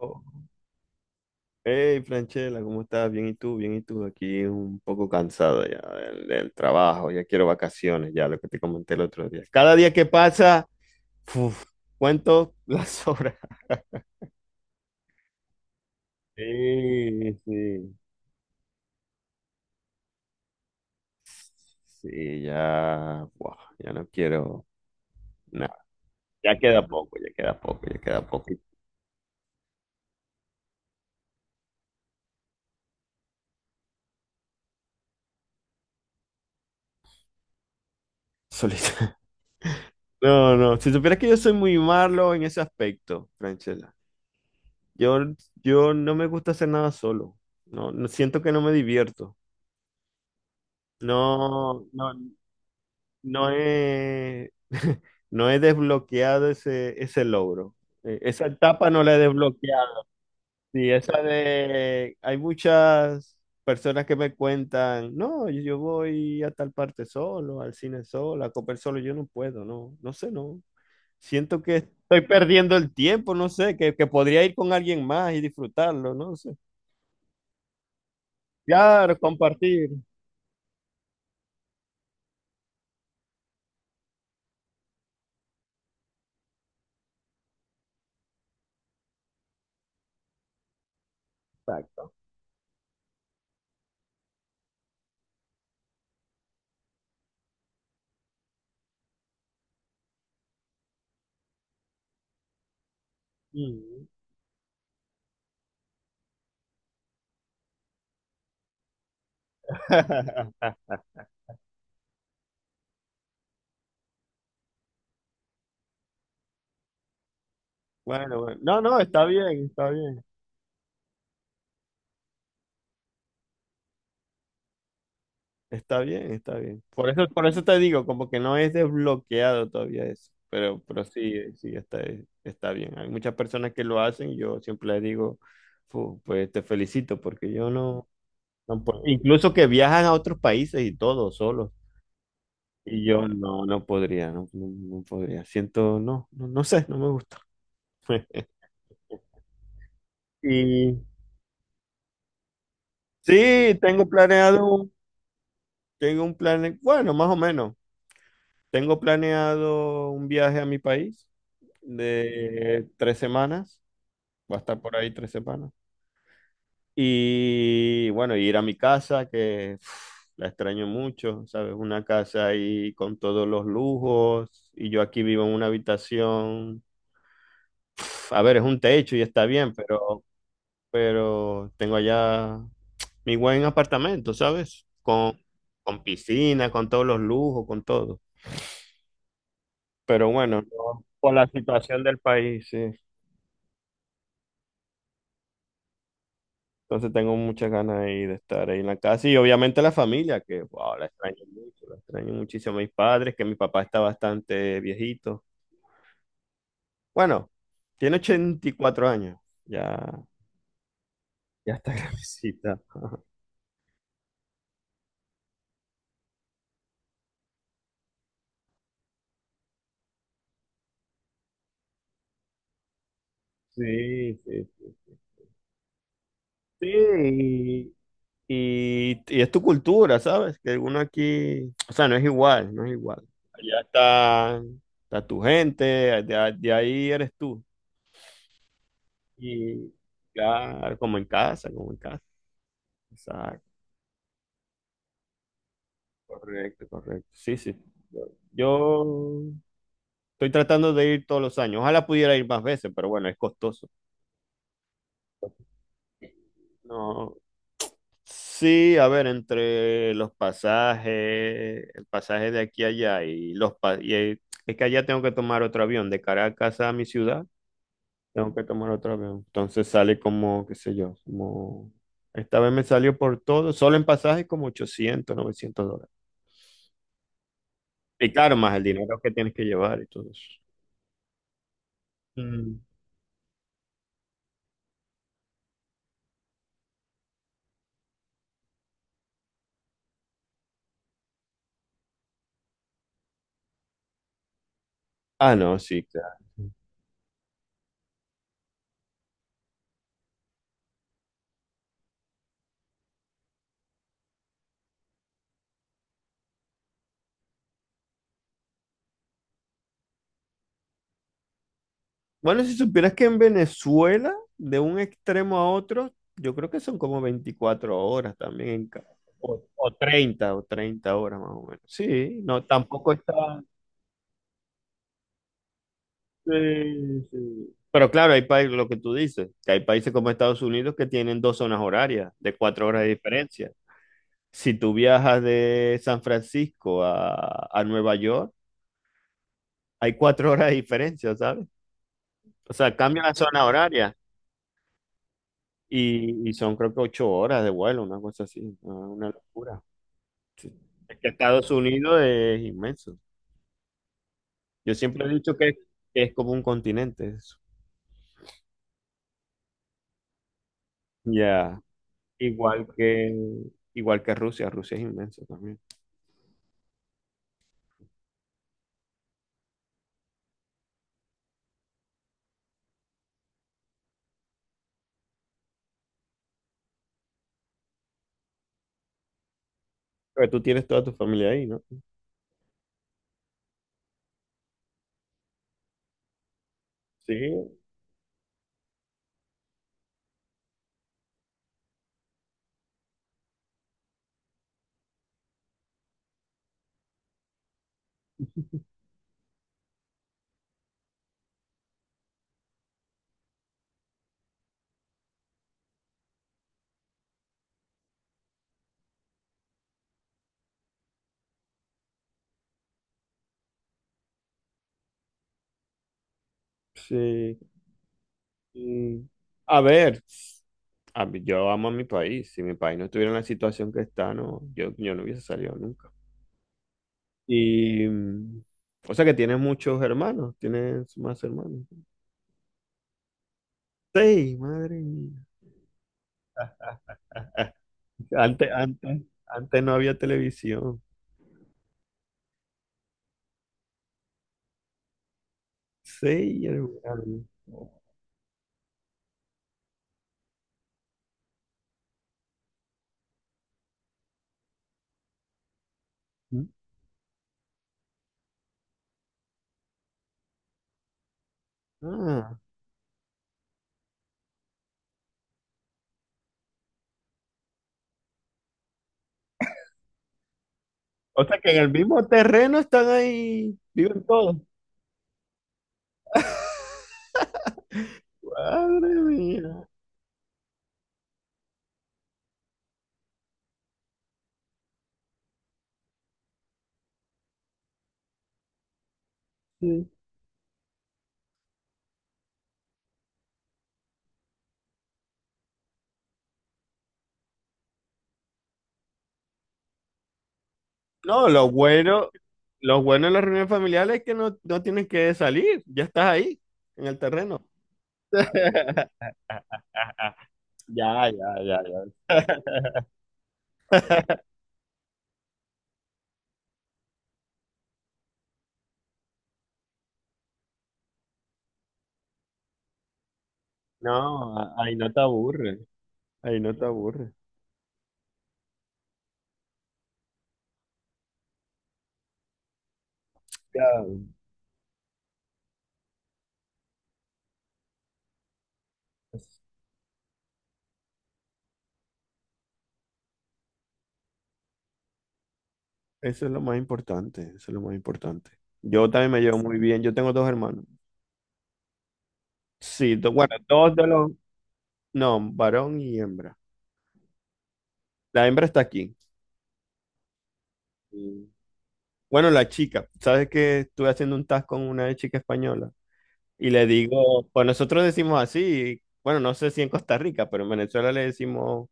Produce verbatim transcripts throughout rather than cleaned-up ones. Oh. Hey, Franchela, ¿cómo estás? Bien, ¿y tú? Bien, ¿y tú? Aquí un poco cansado ya del, del trabajo, ya quiero vacaciones, ya lo que te comenté el otro día. Cada día que pasa, uf, cuento las horas. Sí, sí, sí, ya, buah, ya no quiero nada. Ya queda poco, ya queda poco, ya queda poco. Solita. No, no, si supieras que yo soy muy malo en ese aspecto, Franchela. Yo, yo no me gusta hacer nada solo. No, no- siento que no me divierto. No, no, no he, no he desbloqueado ese, ese logro. Eh, Esa etapa no la he desbloqueado. Sí, esa de, hay muchas personas que me cuentan, no, yo voy a tal parte solo, al cine solo, a comer solo, yo no puedo, no, no sé, no. Siento que estoy perdiendo el tiempo, no sé, que, que podría ir con alguien más y disfrutarlo, no. Claro, compartir. Exacto. Mm. Bueno, bueno. No, no, está bien, está bien. Está bien, está bien. Por eso, por eso te digo, como que no es desbloqueado todavía eso. Pero, pero sí, sí, está, está bien. Hay muchas personas que lo hacen. Y yo siempre les digo, "Fu, pues te felicito, porque yo no, no puedo". Incluso que viajan a otros países y todo, solos. Y yo no, no podría, no, no, no podría. Siento, no, no, no sé, no me gusta. Y sí, tengo planeado. Tengo un plan, bueno, más o menos. Tengo planeado un viaje a mi país de tres semanas. Va a estar por ahí tres semanas. Y bueno, ir a mi casa, que uf, la extraño mucho, ¿sabes? Una casa ahí con todos los lujos. Y yo aquí vivo en una habitación. Uf, a ver, es un techo y está bien, pero, pero, tengo allá mi buen apartamento, ¿sabes? Con, con piscina, con todos los lujos, con todo. Pero bueno, no, por la situación del país, sí. Entonces tengo muchas ganas ahí de estar ahí en la casa y obviamente la familia, que wow, la extraño mucho, la extraño muchísimo a mis padres, que mi papá está bastante viejito. Bueno, tiene ochenta y cuatro años, ya, ya está grandecita. Sí, sí, sí. Sí, y, y- y es tu cultura, ¿sabes? Que uno aquí, o sea, no es igual, no es igual. Allá está, está tu gente, de, de ahí eres tú. Y claro, como en casa, como en casa. Exacto, correcto, correcto. Sí, sí. Yo yo estoy tratando de ir todos los años. Ojalá pudiera ir más veces, pero bueno, es costoso. No. Sí, a ver, entre los pasajes, el pasaje de aquí a allá y los pa- y eh, es que allá tengo que tomar otro avión de Caracas a mi ciudad, tengo que tomar otro avión. Entonces sale como, qué sé yo, como esta vez me salió por todo, solo en pasajes como ochocientos novecientos dólares. Y claro, más el dinero que tienes que llevar y todo eso. Mm. Ah, no, sí, claro. Bueno, si supieras que en Venezuela, de un extremo a otro, yo creo que son como veinticuatro horas también, en ca- o, o treinta, o treinta horas más o menos. Sí, no, tampoco está... Sí, sí. Pero claro, hay países, lo que tú dices, que hay países como Estados Unidos que tienen dos zonas horarias de cuatro horas de diferencia. Si tú viajas de San Francisco a, a Nueva York, hay cuatro horas de diferencia, ¿sabes? O sea, cambia la zona horaria y, y, son creo que ocho horas de vuelo, una cosa así, ah, una locura. Sí. Es que Estados Unidos es inmenso. Yo siempre he dicho que, que es como un continente eso. Ya, Igual que, igual que Rusia, Rusia es inmenso también. Pero tú tienes toda tu familia ahí, ¿no? Sí, sí. Y, a ver, a mí- yo amo a mi país. Si mi país no estuviera en la situación que está, no, yo, yo no hubiese salido nunca. Y, mm, o sea que tienes muchos hermanos, tienes más hermanos. Seis, madre mía. Antes, antes, antes no había televisión. Seis hermanos. Ah, o sea que en el mismo terreno están ahí, viven todos. Madre mía. Sí. No, lo bueno, lo bueno de las reuniones familiares es que no, no tienes que salir, ya estás ahí, en el terreno. Ya, ya, ya, ya. No, a- ahí no te aburre, ahí no te aburre. Ya, pues, eso es lo más importante, eso es lo más importante. Yo también me llevo muy bien, yo tengo dos hermanos. Sí, do- bueno, dos de los, no, varón y hembra. La hembra está aquí. Y bueno, la chica, ¿sabes que estuve haciendo un task con una chica española? Y le digo, pues nosotros decimos así, bueno, no sé si en Costa Rica, pero en Venezuela le decimos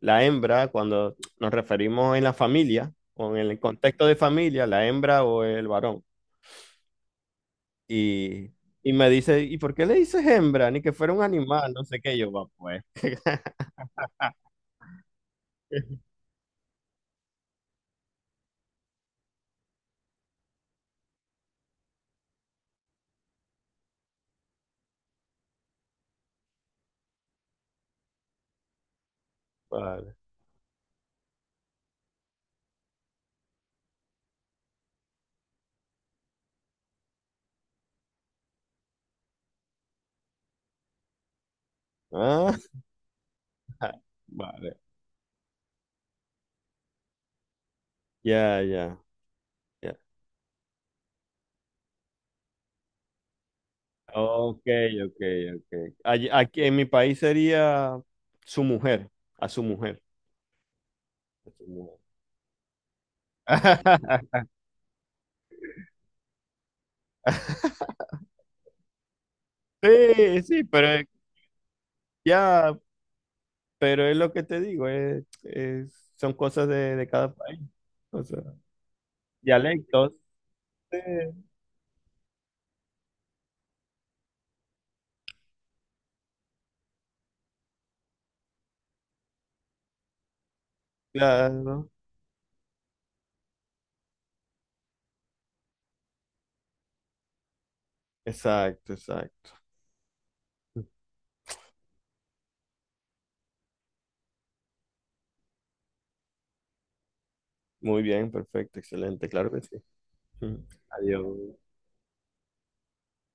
la hembra cuando nos referimos en la familia, o en el contexto de familia, la hembra o el varón. Y, y me dice, ¿y por qué le dices hembra? Ni que fuera un animal, no sé qué. Yo, va, pues, vale. Ah, vale. Ya, ya, ya. Ok, ok, ok. Allí- aquí en mi país sería su mujer, a su mujer. A su mujer. Sí, sí, pero es- ya, pero es lo que te digo, es, es- son cosas de, de cada país. O sea, dialectos. Sí, claro. Exacto, exacto. Muy bien, perfecto, excelente, claro que sí. Adiós.